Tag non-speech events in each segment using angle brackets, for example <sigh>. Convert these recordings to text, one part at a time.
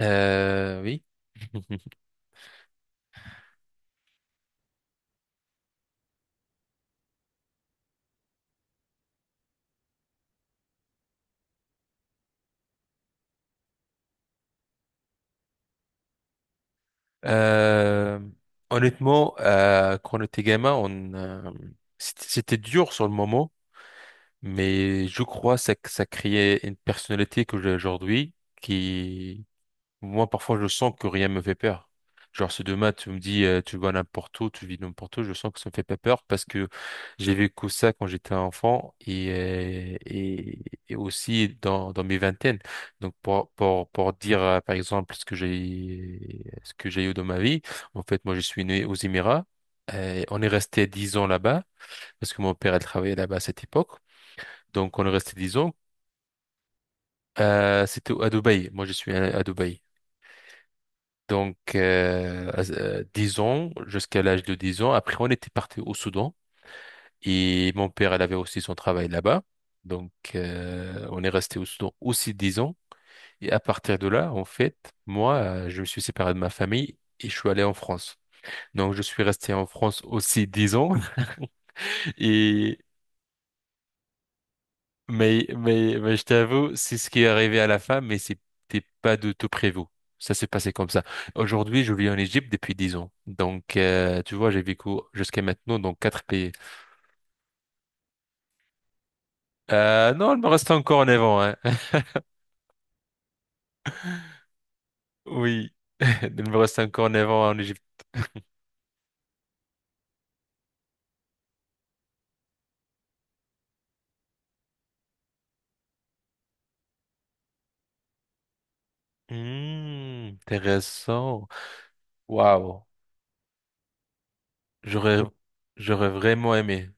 Oui. <laughs> Euh, Honnêtement, quand on était gamin, c'était dur sur le moment, mais je crois que ça créait une personnalité que j'ai aujourd'hui qui, Moi, parfois, je sens que rien me fait peur. Genre, si demain, tu me dis, tu vas n'importe où, tu vis n'importe où, je sens que ça me fait pas peur parce que j'ai vécu ça quand j'étais enfant et aussi dans, dans mes vingtaines. Donc, pour dire, par exemple, ce que j'ai eu dans ma vie, en fait, moi, je suis né aux Émirats. On est resté 10 ans là-bas parce que mon père, elle travaillait là-bas à cette époque. Donc, on est resté 10 ans. C'était à Dubaï. Moi, je suis à Dubaï. Donc, 10 ans, jusqu'à l'âge de 10 ans. Après, on était parti au Soudan et mon père, elle avait aussi son travail là-bas. Donc, on est resté au Soudan aussi 10 ans. Et à partir de là, en fait, moi, je me suis séparé de ma famille et je suis allé en France. Donc, je suis resté en France aussi 10 ans. <laughs> Et mais je t'avoue, c'est ce qui est arrivé à la fin, mais c'était pas du tout prévu. Ça s'est passé comme ça. Aujourd'hui, je vis en Égypte depuis 10 ans. Donc, tu vois, j'ai vécu jusqu'à maintenant dans quatre pays. Non, il me reste encore 9 ans, hein. <laughs> Oui, <laughs> il me reste encore 9 ans en Égypte. Hmm, intéressant. Waouh. J'aurais, j'aurais vraiment aimé.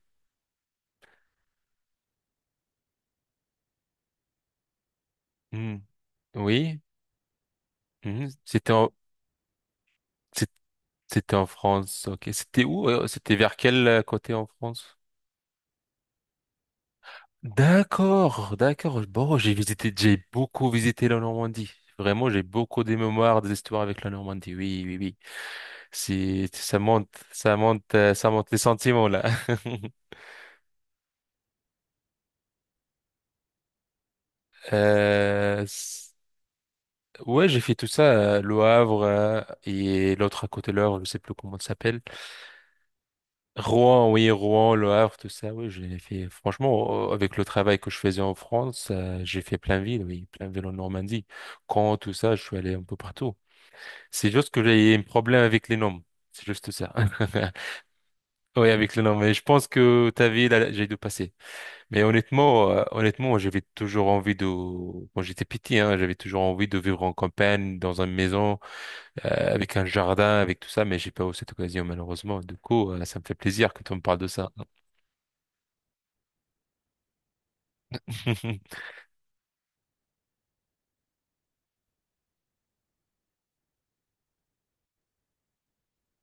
Hmm. Oui. Hmm. C'est- c'était en France. Ok. C'était où? C'était vers quel côté en France? D'accord, d'accord. Bon, j'ai beaucoup visité la Normandie. Vraiment, j'ai beaucoup des mémoires, des histoires avec la Normandie. Oui, oui, oui. Ça monte, ça monte, ça monte les sentiments là. <laughs> Euh, s- ouais, j'ai fait tout ça, Le Havre et l'autre à côté de Le Havre, je sais plus comment ça s'appelle. Rouen, oui, Rouen, Le Havre, tout ça. Oui, j'ai fait. Franchement, avec le travail que je faisais en France, j'ai fait plein de villes, oui, plein de villes en Normandie. Caen, tout ça, je suis allé un peu partout. C'est juste que j'ai un problème avec les noms. C'est juste ça. <laughs> Oui, avec les noms. Mais je pense que ta vie, là, j'ai dû passer. Mais honnêtement, j'avais toujours envie de, quand j'étais petit, hein, j'avais toujours envie de vivre en campagne, dans une maison, avec un jardin, avec tout ça. Mais j'ai pas eu cette occasion, malheureusement. Du coup, ça me fait plaisir quand on me parle de ça. <laughs>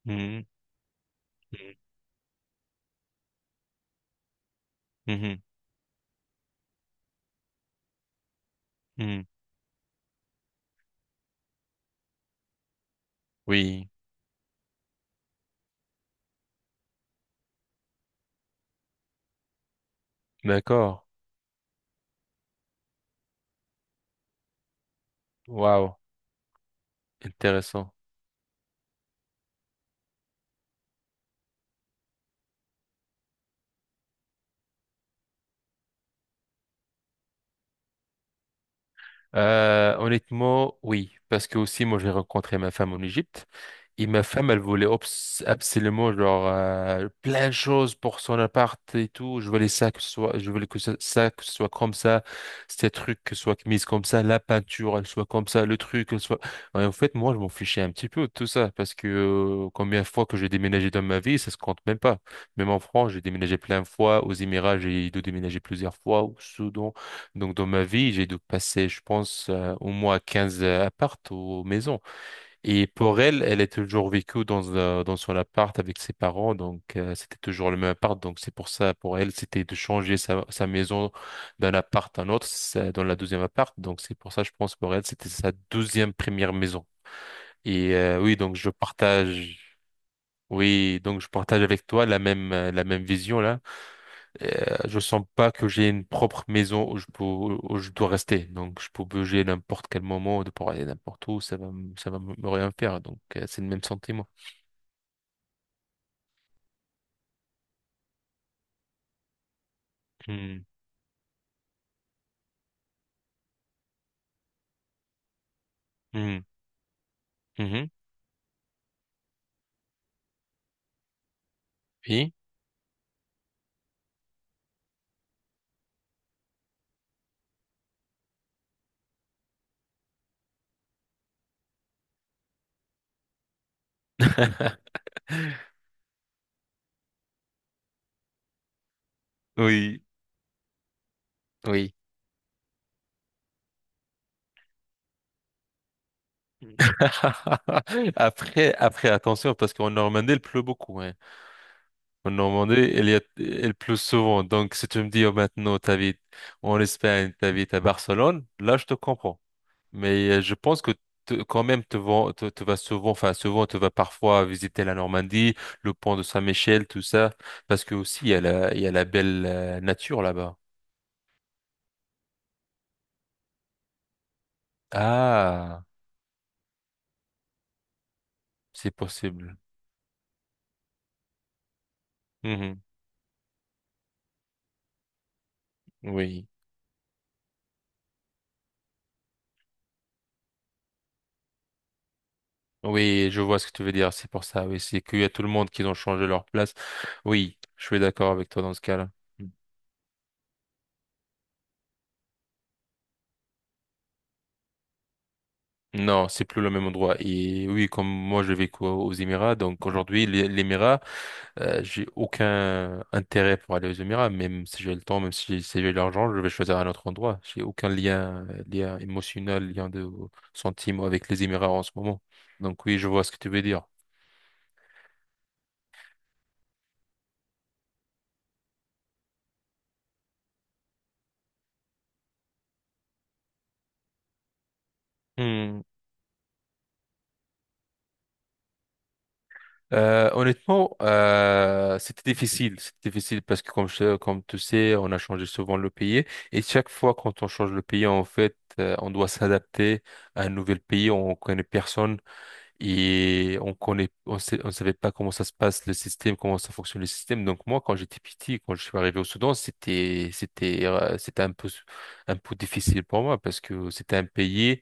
Mhm. Mhm. Mhm. Oui. D'accord. Waouh. Intéressant. Honnêtement, oui. Parce que aussi, moi, j'ai rencontré ma femme en Égypte. Et ma femme, elle voulait absolument genre plein de choses pour son appart et tout. Je voulais que ça, que ce soit comme ça, ces trucs que ce soit mise comme ça, la peinture elle soit comme ça, le truc elle soit. Ouais, en fait, moi, je m'en fichais un petit peu de tout ça parce que combien de fois que j'ai déménagé dans ma vie, ça se compte même pas. Même en France, j'ai déménagé plein de fois. Aux Émirats, j'ai dû déménager plusieurs fois. Au Soudan, donc dans ma vie, j'ai dû passer, je pense, au moins 15 apparts aux maisons. Et pour elle, elle est toujours vécue dans son appart avec ses parents, donc c'était toujours le même appart. Donc c'est pour ça, pour elle, c'était de changer sa maison d'un appart à un autre, dans la deuxième appart. Donc c'est pour ça, je pense, pour elle, c'était sa deuxième première maison. Et oui, donc je partage, oui, donc je partage avec toi la même vision là. Euh, je sens pas que j'ai une propre maison où je peux où je dois rester. Donc je peux bouger n'importe quel moment, de pouvoir aller n'importe où, ça va ça va me rien faire. Donc c'est le même sentiment. Hmm. Hmm. Mhm. Oui. <laughs> Oui. Oui. <laughs> Après, attention, parce qu'en Normandie, il pleut beaucoup, hein. En Normandie, il pleut souvent. Donc, si tu me dis oh, maintenant, t'habites en Espagne, t'habites à Barcelone, là, je te comprends. Mais je pense que quand même, tu vas souvent, enfin, souvent, tu vas parfois visiter la Normandie, le pont de Saint-Michel, tout ça, parce que aussi, il y a la belle nature là-bas. Ah. C'est possible. Mhm. Oui. Oui, je vois ce que tu veux dire. C'est pour ça. Oui, c'est qu'il y a tout le monde qui ont changé leur place. Oui, je suis d'accord avec toi dans ce cas-là. Non, c'est plus le même endroit. Et oui, comme moi, j'ai vécu aux Émirats. Donc aujourd'hui, l'Émirat, j'ai aucun intérêt pour aller aux Émirats. Même si j'ai le temps, même si j'ai l'argent, je vais choisir un autre endroit. J'ai aucun lien émotionnel, lien de sentiment avec les Émirats en ce moment. Donc oui, je vois ce que tu veux dire. Honnêtement, c'était difficile. C'était difficile parce que comme tu sais, on a changé souvent le pays et chaque fois quand on change le pays, en fait, on doit s'adapter à un nouvel pays. On connaît personne et on connaît, on sait, on savait pas comment ça se passe le système, comment ça fonctionne le système. Donc moi, quand j'étais petit, quand je suis arrivé au Soudan, c'était un peu, difficile pour moi parce que c'était un pays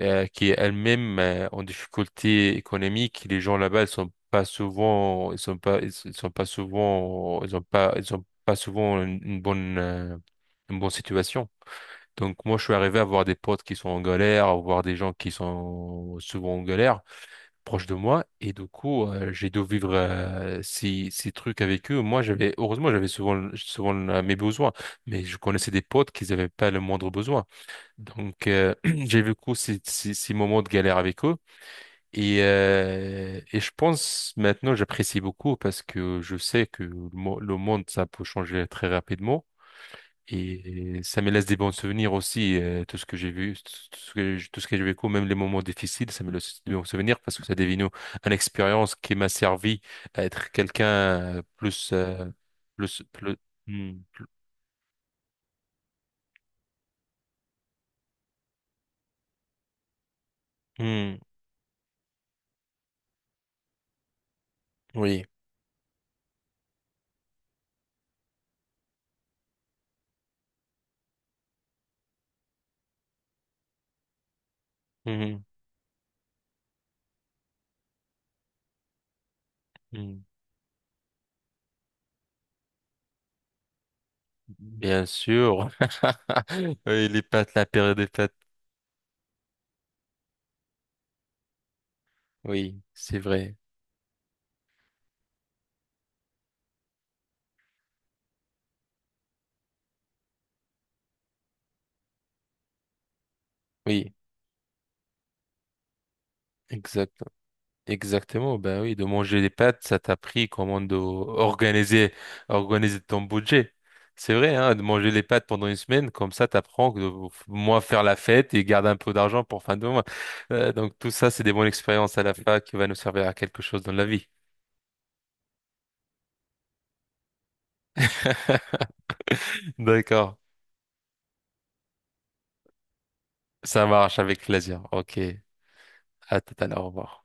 qui est elle-même en difficulté économique. Les gens là-bas, ils sont pas souvent, ils sont pas, ils sont pas souvent, ils ont pas souvent une bonne, situation. Donc moi, je suis arrivé à voir des potes qui sont en galère, à voir des gens qui sont souvent en galère, proche de moi, et du coup, j'ai dû vivre ces trucs avec eux. Moi, j'avais, heureusement, j'avais souvent, souvent mes besoins, mais je connaissais des potes qui n'avaient pas le moindre besoin. Donc, <clears throat> j'ai vécu ces moments de galère avec eux. Et je pense maintenant, j'apprécie beaucoup parce que je sais que le monde, ça peut changer très rapidement. Et ça me laisse des bons souvenirs aussi, tout ce que j'ai vu, tout ce que j'ai vécu, même les moments difficiles, ça me laisse des bons souvenirs parce que ça devenu une expérience qui m'a servi à être quelqu'un, plus, plus, plus, hmm, hmm, oui. Mhm, mhm. Bien sûr. <laughs> Oui, les pâtes, la période des pâtes. Oui, c'est vrai. Oui, exact. Exactement. Ben oui, de manger des pâtes, ça t'a pris comment de organiser ton budget. C'est vrai, hein, de manger les pâtes pendant une semaine, comme ça, t'apprends que moins faire la fête et garder un peu d'argent pour fin de mois. Donc tout ça, c'est des bonnes expériences à la fac qui va nous servir à quelque chose dans la vie. <laughs> D'accord. Ça marche avec plaisir. Ok. À tout à l'heure. Au revoir.